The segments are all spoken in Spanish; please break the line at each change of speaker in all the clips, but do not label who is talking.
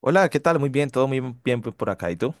Hola, ¿qué tal? Muy bien, todo muy bien por acá. ¿Y tú?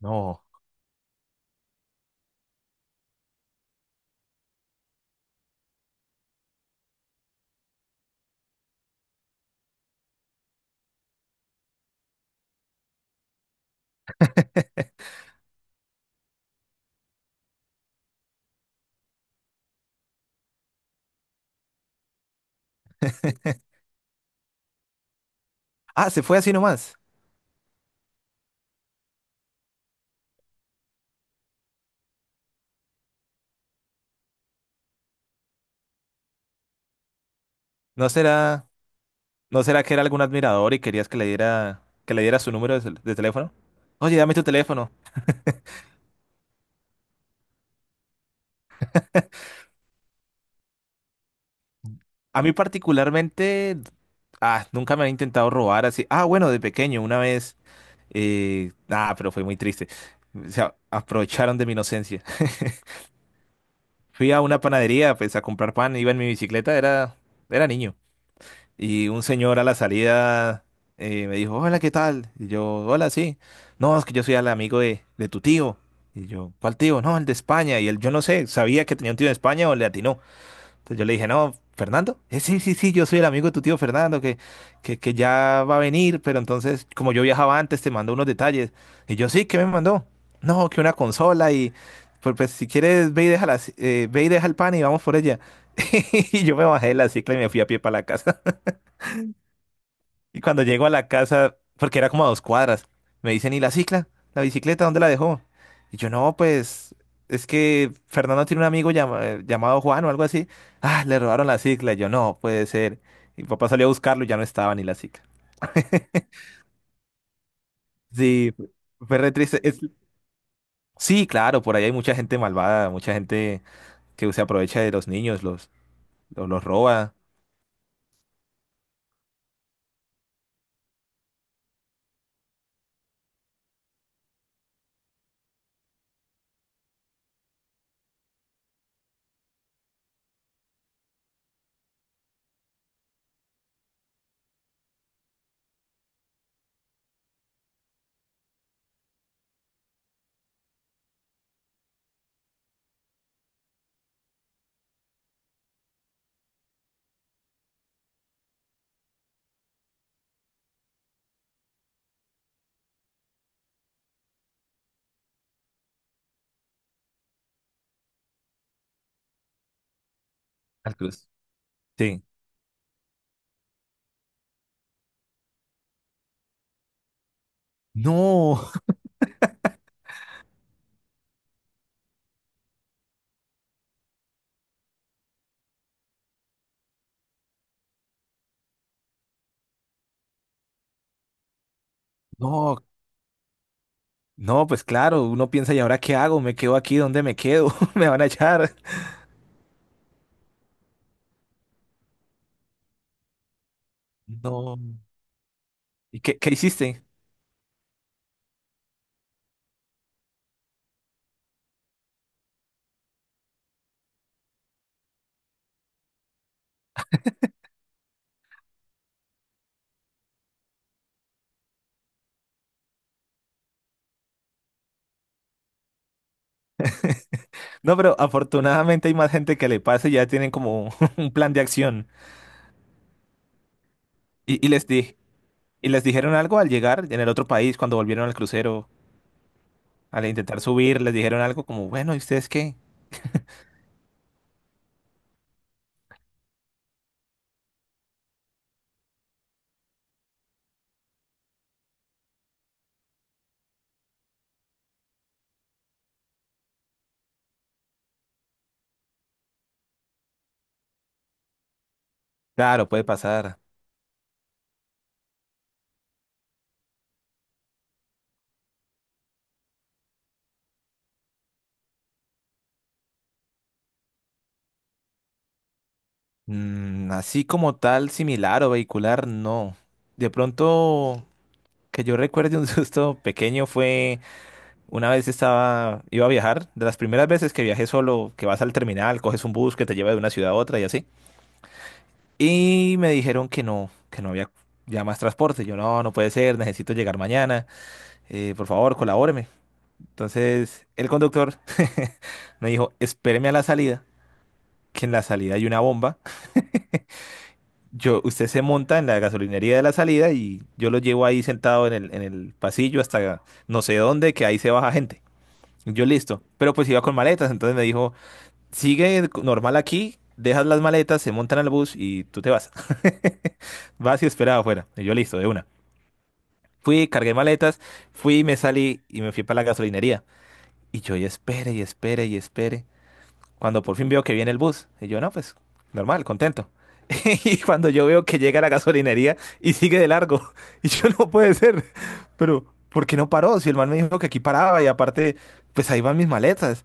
No. Ah, se fue así nomás. ¿No será, ¿No será que era algún admirador y querías que le diera su número de, de teléfono? Oye, dame tu teléfono. A mí particularmente, nunca me han intentado robar así. Ah, bueno, de pequeño, una vez. Pero fue muy triste. Aprovecharon de mi inocencia. Fui a una panadería, pues, a comprar pan, iba en mi bicicleta, era, era niño. Y un señor a la salida me dijo, hola, ¿qué tal? Y yo, hola, sí. No, es que yo soy el amigo de tu tío. Y yo, ¿cuál tío? No, el de España. Y él, yo no sé, sabía que tenía un tío de España o le atinó. Entonces yo le dije, no, Fernando. Sí, sí, sí, yo soy el amigo de tu tío Fernando, que ya va a venir, pero entonces, como yo viajaba antes, te mandó unos detalles. Y yo, sí, ¿qué me mandó? No, que una consola y, pues, pues, si quieres, ve y déjala, ve y deja el pan y vamos por ella. Y yo me bajé de la cicla y me fui a pie para la casa. Y cuando llego a la casa, porque era como a dos cuadras, me dicen, ¿y la cicla? ¿La bicicleta? ¿Dónde la dejó? Y yo, no, pues, es que Fernando tiene un amigo llamado Juan o algo así. Ah, le robaron la cicla. Y yo, no, puede ser. Y mi papá salió a buscarlo y ya no estaba ni la cicla. Sí, fue re triste. Sí, claro, por ahí hay mucha gente malvada, mucha gente que se aprovecha de los niños, los roba. Al cruz. Sí. No, no. No, pues claro, uno piensa, ¿y ahora qué hago? ¿Me quedo aquí? ¿Dónde me quedo? ¿Me van a echar? No. ¿Y qué hiciste? No, pero afortunadamente hay más gente que le pasa y ya tienen como un plan de acción. Y, y les di, y les dijeron algo al llegar en el otro país, cuando volvieron al crucero, al intentar subir, les dijeron algo como, bueno, ¿y ustedes qué? Claro, puede pasar. Mm, así como tal, similar o vehicular, no. De pronto, que yo recuerde un susto pequeño fue. Una vez estaba, iba a viajar, de las primeras veces que viajé solo, que vas al terminal, coges un bus que te lleva de una ciudad a otra y así. Y me dijeron que no había ya más transporte. Yo, no, no puede ser, necesito llegar mañana, por favor, colabóreme. Entonces, el conductor me dijo, espéreme a la salida, que en la salida hay una bomba. Yo, usted se monta en la gasolinería de la salida y yo lo llevo ahí sentado en el pasillo hasta no sé dónde, que ahí se baja gente. Yo listo, pero pues iba con maletas, entonces me dijo... sigue normal aquí, dejas las maletas, se montan al bus y tú te vas. Vas y esperaba afuera. Y yo listo, de una. Fui, cargué maletas, fui, me salí y me fui para la gasolinería. Y espere y espere y espere. Cuando por fin veo que viene el bus, y yo no, pues normal, contento. Y cuando yo veo que llega a la gasolinería y sigue de largo, y yo no puede ser, pero ¿por qué no paró? Si el man me dijo que aquí paraba y aparte, pues ahí van mis maletas.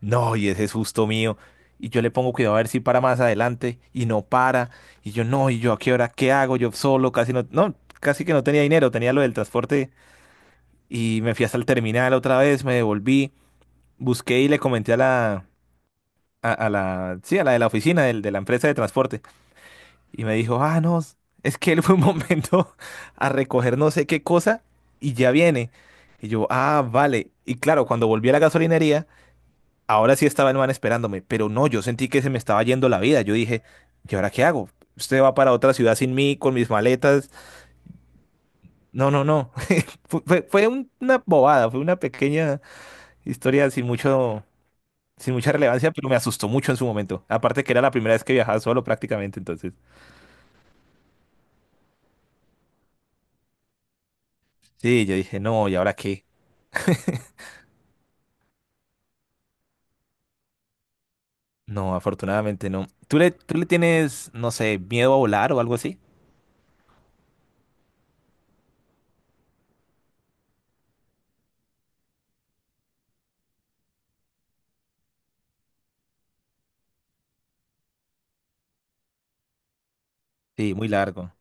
No, y ese es justo mío. Y yo le pongo cuidado a ver si para más adelante y no para. Y yo no, y yo a qué hora, qué hago, yo solo, casi casi que no tenía dinero, tenía lo del transporte y me fui hasta el terminal otra vez, me devolví, busqué y le comenté a la, sí, a la de la oficina de la empresa de transporte y me dijo, ah, no, es que él fue un momento a recoger no sé qué cosa y ya viene. Y yo, ah, vale. Y claro, cuando volví a la gasolinería ahora sí estaba el man esperándome, pero no, yo sentí que se me estaba yendo la vida. Yo dije, ¿y ahora qué hago? Usted va para otra ciudad sin mí, con mis maletas. No, no, no. Una bobada, fue una pequeña historia sin mucho, sin mucha relevancia, pero me asustó mucho en su momento. Aparte que era la primera vez que viajaba solo prácticamente, entonces. Sí, yo dije, no, ¿y ahora qué? No, afortunadamente no. Tú le tienes, no sé, miedo a volar o algo así? Sí, muy largo.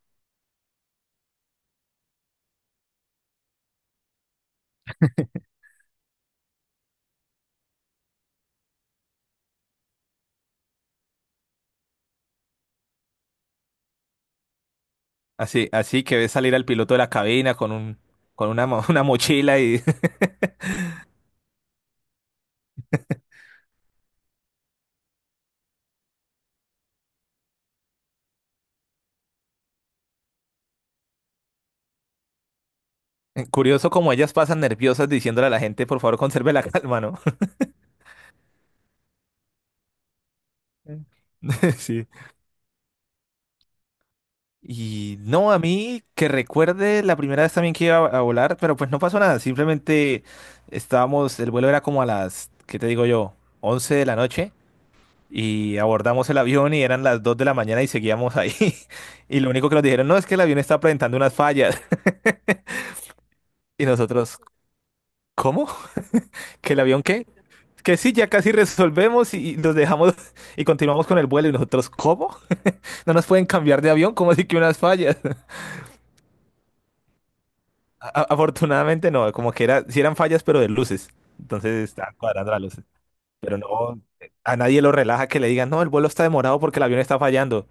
Así, así que ves salir al piloto de la cabina con un, una mochila y curioso como ellas pasan nerviosas diciéndole a la gente, por favor, conserve la calma, ¿no? Sí. Y no, a mí que recuerde la primera vez también que iba a volar, pero pues no pasó nada, simplemente estábamos, el vuelo era como a las, ¿qué te digo yo? 11 de la noche y abordamos el avión y eran las 2 de la mañana y seguíamos ahí. Y lo único que nos dijeron, no, es que el avión está presentando unas fallas. Y nosotros, ¿cómo? ¿Que el avión qué? Que sí, ya casi resolvemos y los dejamos y continuamos con el vuelo. Y nosotros, ¿cómo? ¿No nos pueden cambiar de avión? ¿Cómo así que unas fallas? Afortunadamente no, como que era, sí eran fallas, pero de luces. Entonces estaban cuadrando las luces. Pero no, a nadie lo relaja que le digan, no, el vuelo está demorado porque el avión está fallando.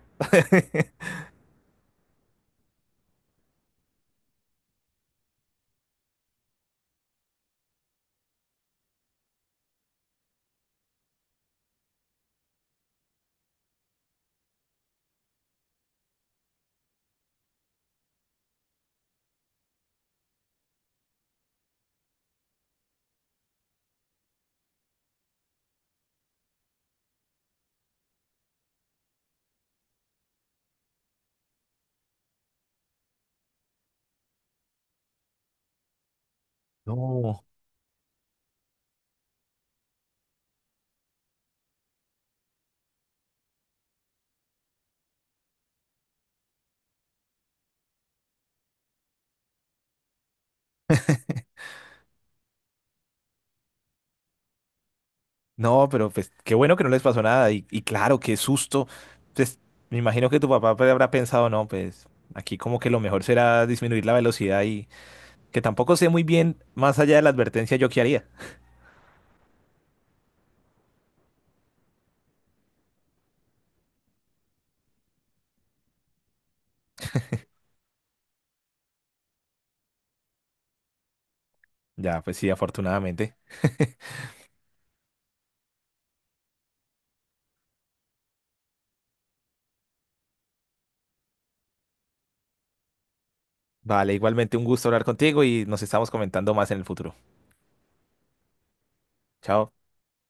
No, no, pero pues qué bueno que no les pasó nada. Y claro, qué susto. Pues me imagino que tu papá pues, habrá pensado, no, pues aquí como que lo mejor será disminuir la velocidad que tampoco sé muy bien, más allá de la advertencia, yo qué haría. Ya, pues sí, afortunadamente. Vale, igualmente un gusto hablar contigo y nos estamos comentando más en el futuro. Chao.